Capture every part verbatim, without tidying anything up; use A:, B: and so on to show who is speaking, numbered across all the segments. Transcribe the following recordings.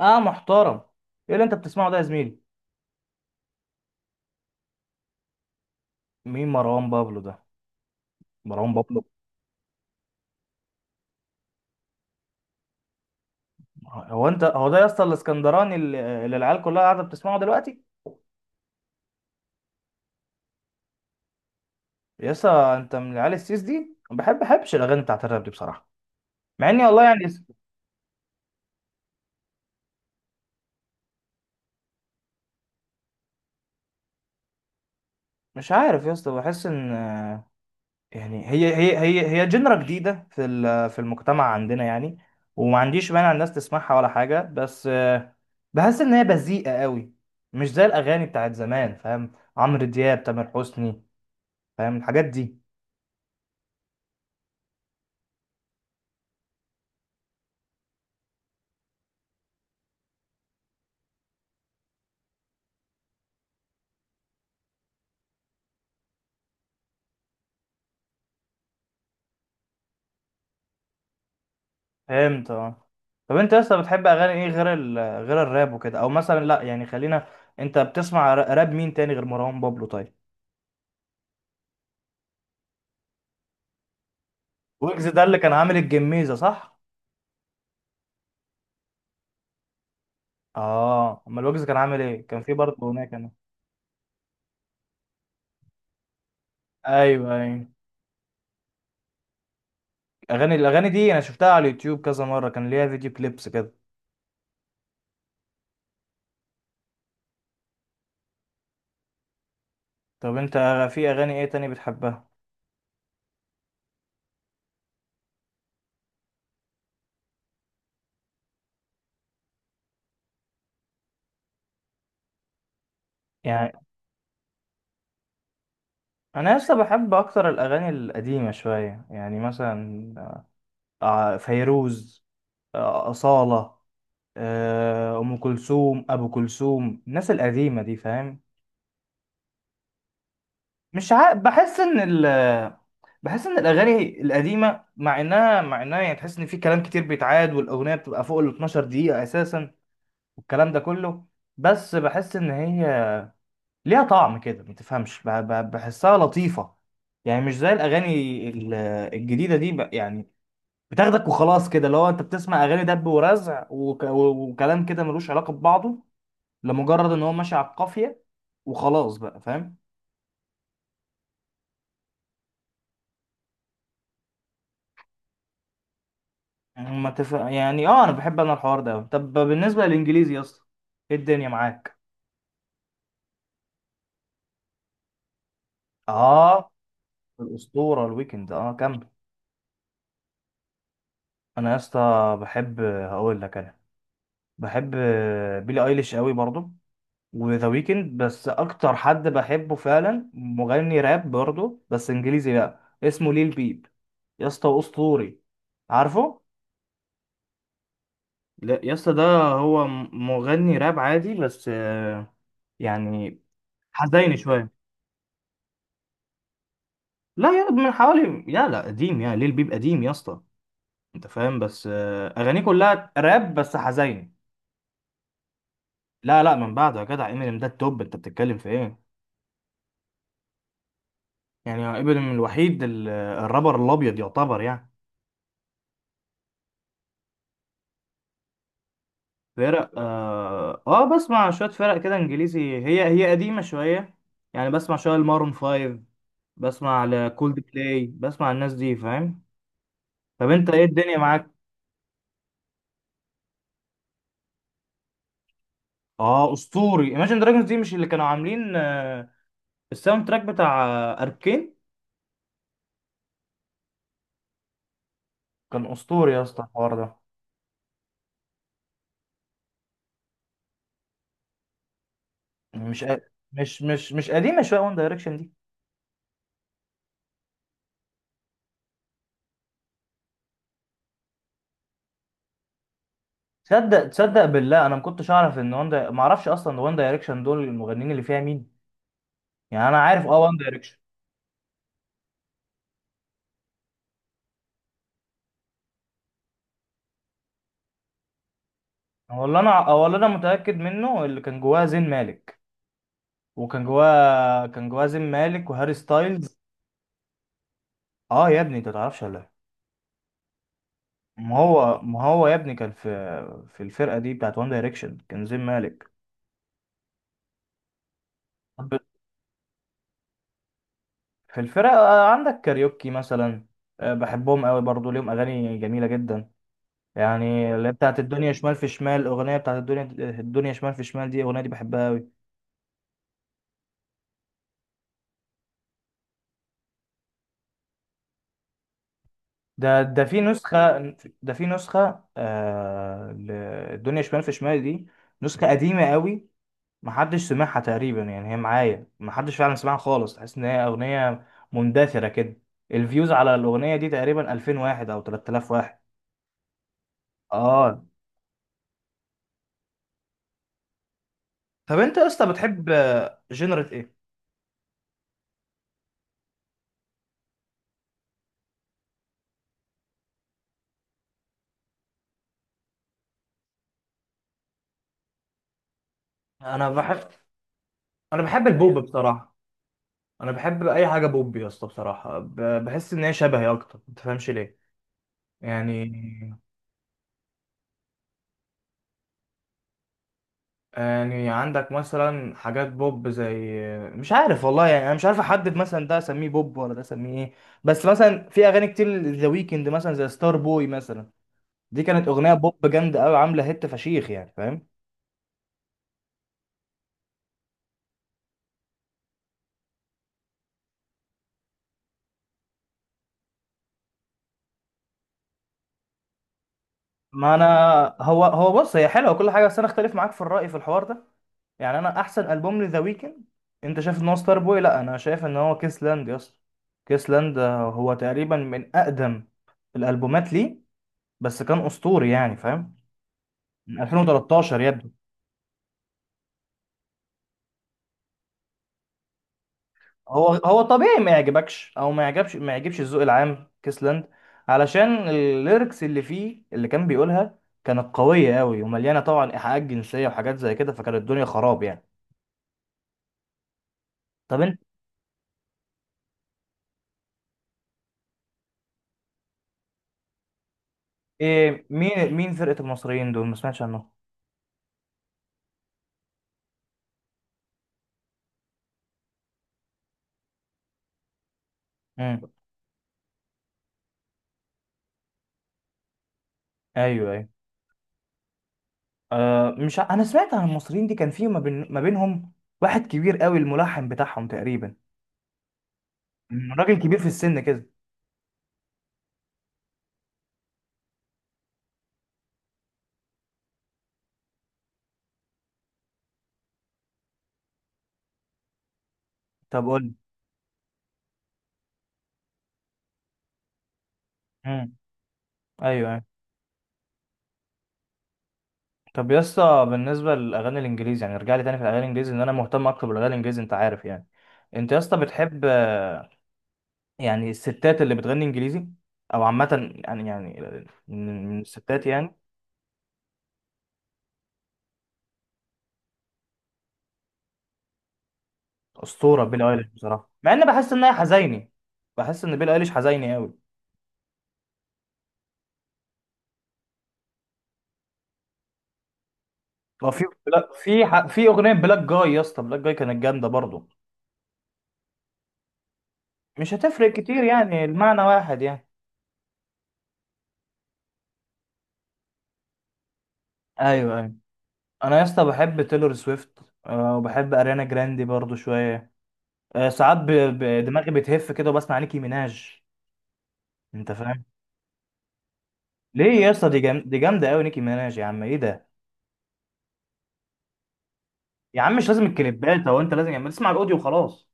A: اه، محترم. ايه اللي انت بتسمعه ده يا زميلي؟ مين مروان بابلو ده؟ مروان بابلو. هو انت هو ده يا اسطى الاسكندراني اللي اللي العيال كلها قاعده بتسمعه دلوقتي؟ يا اسطى، انت من العيال السيس دي. ما بحب بحبش الاغاني بتاعت الراب دي بصراحه، مع اني والله يعني مش عارف يا اسطى. بحس ان آه، يعني هي هي هي هي جنرا جديده في ال- في المجتمع عندنا يعني. وما عنديش مانع الناس تسمعها ولا حاجه، بس آه، بحس ان هي بذيئه قوي. مش زي الاغاني بتاعت زمان، فاهم؟ عمرو دياب، تامر حسني، فاهم الحاجات دي. فهمت. اه، طب انت لسه بتحب اغاني ايه غير ال... غير الراب وكده؟ او مثلا لا يعني، خلينا. انت بتسمع ر- راب مين تاني غير مروان بابلو؟ طيب، ويجز ده اللي كان عامل الجميزه، صح؟ اه، امال ويجز كان عامل ايه؟ كان في برضه هناك، انا. ايوه ايوه، اغاني الاغاني دي انا شفتها على اليوتيوب كذا مره. كان ليها فيديو كليبس كده. طب انت في اغاني ايه تاني بتحبها؟ يعني انا لسه بحب اكتر الاغاني القديمه شويه، يعني مثلا آه، فيروز، آه، أصالة، آه، ام كلثوم، ابو كلثوم، الناس القديمه دي، فاهم. مش عارف، بحس ان ال بحس ان الاغاني القديمه، مع انها مع انها يعني تحس ان في كلام كتير بيتعاد والاغنيه بتبقى فوق ال اثنا عشر دقيقه اساسا، والكلام ده كله، بس بحس ان هي ليها طعم كده، ما تفهمش. ب- ب- بحسها لطيفه. يعني مش زي الاغاني ال- الجديده دي، ب- يعني بتاخدك وخلاص كده. اللي هو انت بتسمع اغاني دب ورزع وك- وكلام كده ملوش علاقه ببعضه، لمجرد ان هو ماشي على القافيه وخلاص بقى، فاهم. يعني ما تف... يعني اه، انا بحب، انا الحوار ده أوي. طب بالنسبه للانجليزي يا اسطى، ايه الدنيا معاك؟ اه، الاسطوره الويكند. اه، كمل. انا يا اسطى بحب، هقول لك، انا بحب بيلي ايليش قوي برضو، وذا ويكند. بس اكتر حد بحبه فعلا مغني راب برضو بس انجليزي، بقى اسمه ليل بيب يا اسطى، اسطوري، عارفه؟ لا يا اسطى، ده هو م- مغني راب عادي بس، يعني حزيني شويه. لا، يا من حوالي يا لا قديم، يا ليل بيب قديم يا اسطى، انت فاهم. بس آه، اغانيه كلها راب بس حزين. لا لا، من بعده يا جدع. امينيم ده التوب، انت بتتكلم في ايه؟ يعني امينيم الوحيد ال- الرابر الابيض يعتبر يعني. فرق؟ اه، آه بسمع شويه فرق كده انجليزي. هي هي قديمه شويه يعني. بسمع شويه المارون فايف، بسمع لكولد بلاي، بسمع الناس دي، فاهم. طب انت ايه الدنيا معاك؟ اه اسطوري، Imagine Dragons دي مش اللي كانوا عاملين آه، الساوند تراك بتاع اركين؟ كان اسطوري يا اسطى الحوار ده. مش قا- مش مش مش قديمه شويه وان دايركشن دي؟ تصدق، تصدق بالله انا ما كنتش اعرف ان وان دا... ما اعرفش اصلا وان دايركشن دول المغنيين اللي فيها مين. يعني انا عارف اه وان دايركشن. هو اللي انا هو اللي انا متاكد منه اللي كان جواه زين مالك. وكان جواه كان جواه زين مالك وهاري ستايلز. اه يا ابني، انت تعرفش ولا إيه؟ ما هو، ما هو يا ابني كان في في الفرقه دي بتاعت وان دايركشن كان زين مالك. في الفرق، آه، عندك كاريوكي مثلا. آه، بحبهم قوي برضو، ليهم اغاني جميله جدا. يعني اللي هي بتاعت الدنيا شمال في شمال، الاغنيه بتاعت الدنيا. الدنيا شمال في شمال دي الاغنيه دي بحبها قوي. ده ده في نسخه، ده في نسخه آه ل- الدنيا شمال في شمال دي، نسخه قديمه قوي. محدش سمعها تقريبا يعني، هي معايا، محدش فعلا سمعها خالص. تحس ان هي اغنيه مندثره كده. الفيوز على الاغنيه دي تقريبا ألفين واحد او تلات آلاف واحد. اه. طب انت يا اسطى بتحب جنرة ايه؟ انا بحب، انا بحب البوب بصراحه. انا بحب اي حاجه بوب يا اسطى بصراحه، ب... بحس ان هي شبهي اكتر، ما تفهمش ليه، يعني. يعني عندك مثلا حاجات بوب زي، مش عارف والله، يعني انا مش عارف احدد مثلا ده اسميه بوب ولا ده اسميه ايه. بس مثلا في اغاني كتير ذا ويكند، مثلا زي ستار بوي مثلا، دي كانت اغنيه بوب جامده قوي، عامله هيت فشيخ يعني، فاهم. ما انا، هو هو بص، هي حلوه وكل حاجه، بس انا اختلف معاك في الراي في الحوار ده. يعني انا احسن البوم لذا ويكند، انت شايف ان هو ستار بوي؟ لا، انا شايف ان هو كيس لاند يا اسطى. كيس لاند هو تقريبا من اقدم الالبومات ليه، بس كان اسطوري يعني، فاهم. من ألفين وتلتاشر يبدو. هو هو طبيعي ما يعجبكش، او ما يعجبش، ما يعجبش الذوق العام كيس لاند، علشان الليركس اللي فيه اللي كان بيقولها كانت قويه قوي ومليانه طبعا ايحاءات جنسيه وحاجات زي كده، فكانت الدنيا خراب يعني. طب إيه، مين مين فرقة المصريين دول؟ ما سمعتش عنهم. امم، ايوه ايوه. آه، مش ع- انا سمعت عن المصريين دي. كان في، ما, بين... ما بينهم واحد كبير قوي، الملحن بتاعهم تقريبا. مم، راجل كبير في السن كده. طب قول لي. امم. ايوه ايوه. طب يا اسطى، بالنسبة للأغاني الإنجليزي، يعني ارجع لي تاني في الأغاني الإنجليزي، إن أنا مهتم أكتر بالأغاني الإنجليزي، أنت عارف يعني. أنت يا اسطى بتحب آه، يعني الستات اللي بتغني إنجليزي أو عامة يعني، يعني من من الستات يعني. اسطوره بيلي ايليش بصراحه، مع ان بحس ان هي حزيني. بحس ان بيلي ايليش حزيني قوي. هو في، لا، في ح- في اغنيه بلاك جاي يا اسطى، بلاك جاي كانت جامده برضه. مش هتفرق كتير يعني، المعنى واحد يعني. ايوه ايوه. انا يا اسطى بحب تايلور سويفت، آه، وبحب اريانا جراندي برضه شويه. آه، ساعات ب- ب- دماغي بتهف كده وبسمع نيكي ميناج، انت فاهم. ليه يا اسطى؟ دي جام... دي جامده قوي نيكي ميناج، يا عم ايه ده! يا عم، مش لازم الكليبات، هو انت لازم يعني اسمع الاوديو وخلاص.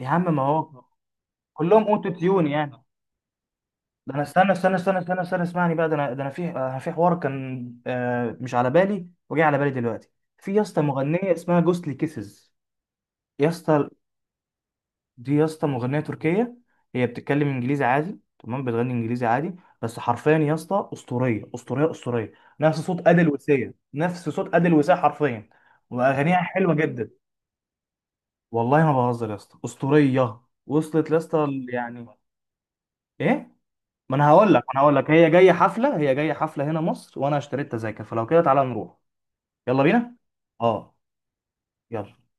A: يا عم ما هو كلهم اوتو تيون يعني. ده انا، استنى استنى استنى استنى استنى اسمعني بقى. ده انا، ده انا في، أنا في حوار كان آه، مش على بالي وجاي على بالي دلوقتي. في يا اسطى مغنيه اسمها جوستلي كيسز. يا اسطى، دي يا اسطى مغنيه تركيه. هي بتتكلم انجليزي عادي تمام، بتغني انجليزي عادي، بس حرفيا يا اسطى اسطوريه، اسطوريه، اسطوريه. نفس صوت ادل وسيه، نفس صوت ادل وسيه حرفيا. واغانيها حلوه جدا. والله ما بهزر يا اسطى، اسطوريه. وصلت يا اسطى ال- يعني. ايه، ما انا هقول لك ما انا هقول لك، هي جايه حفله، هي جايه حفله هنا مصر وانا اشتريت تذاكر، فلو كده تعالى نروح. يلا بينا. اه، يلا.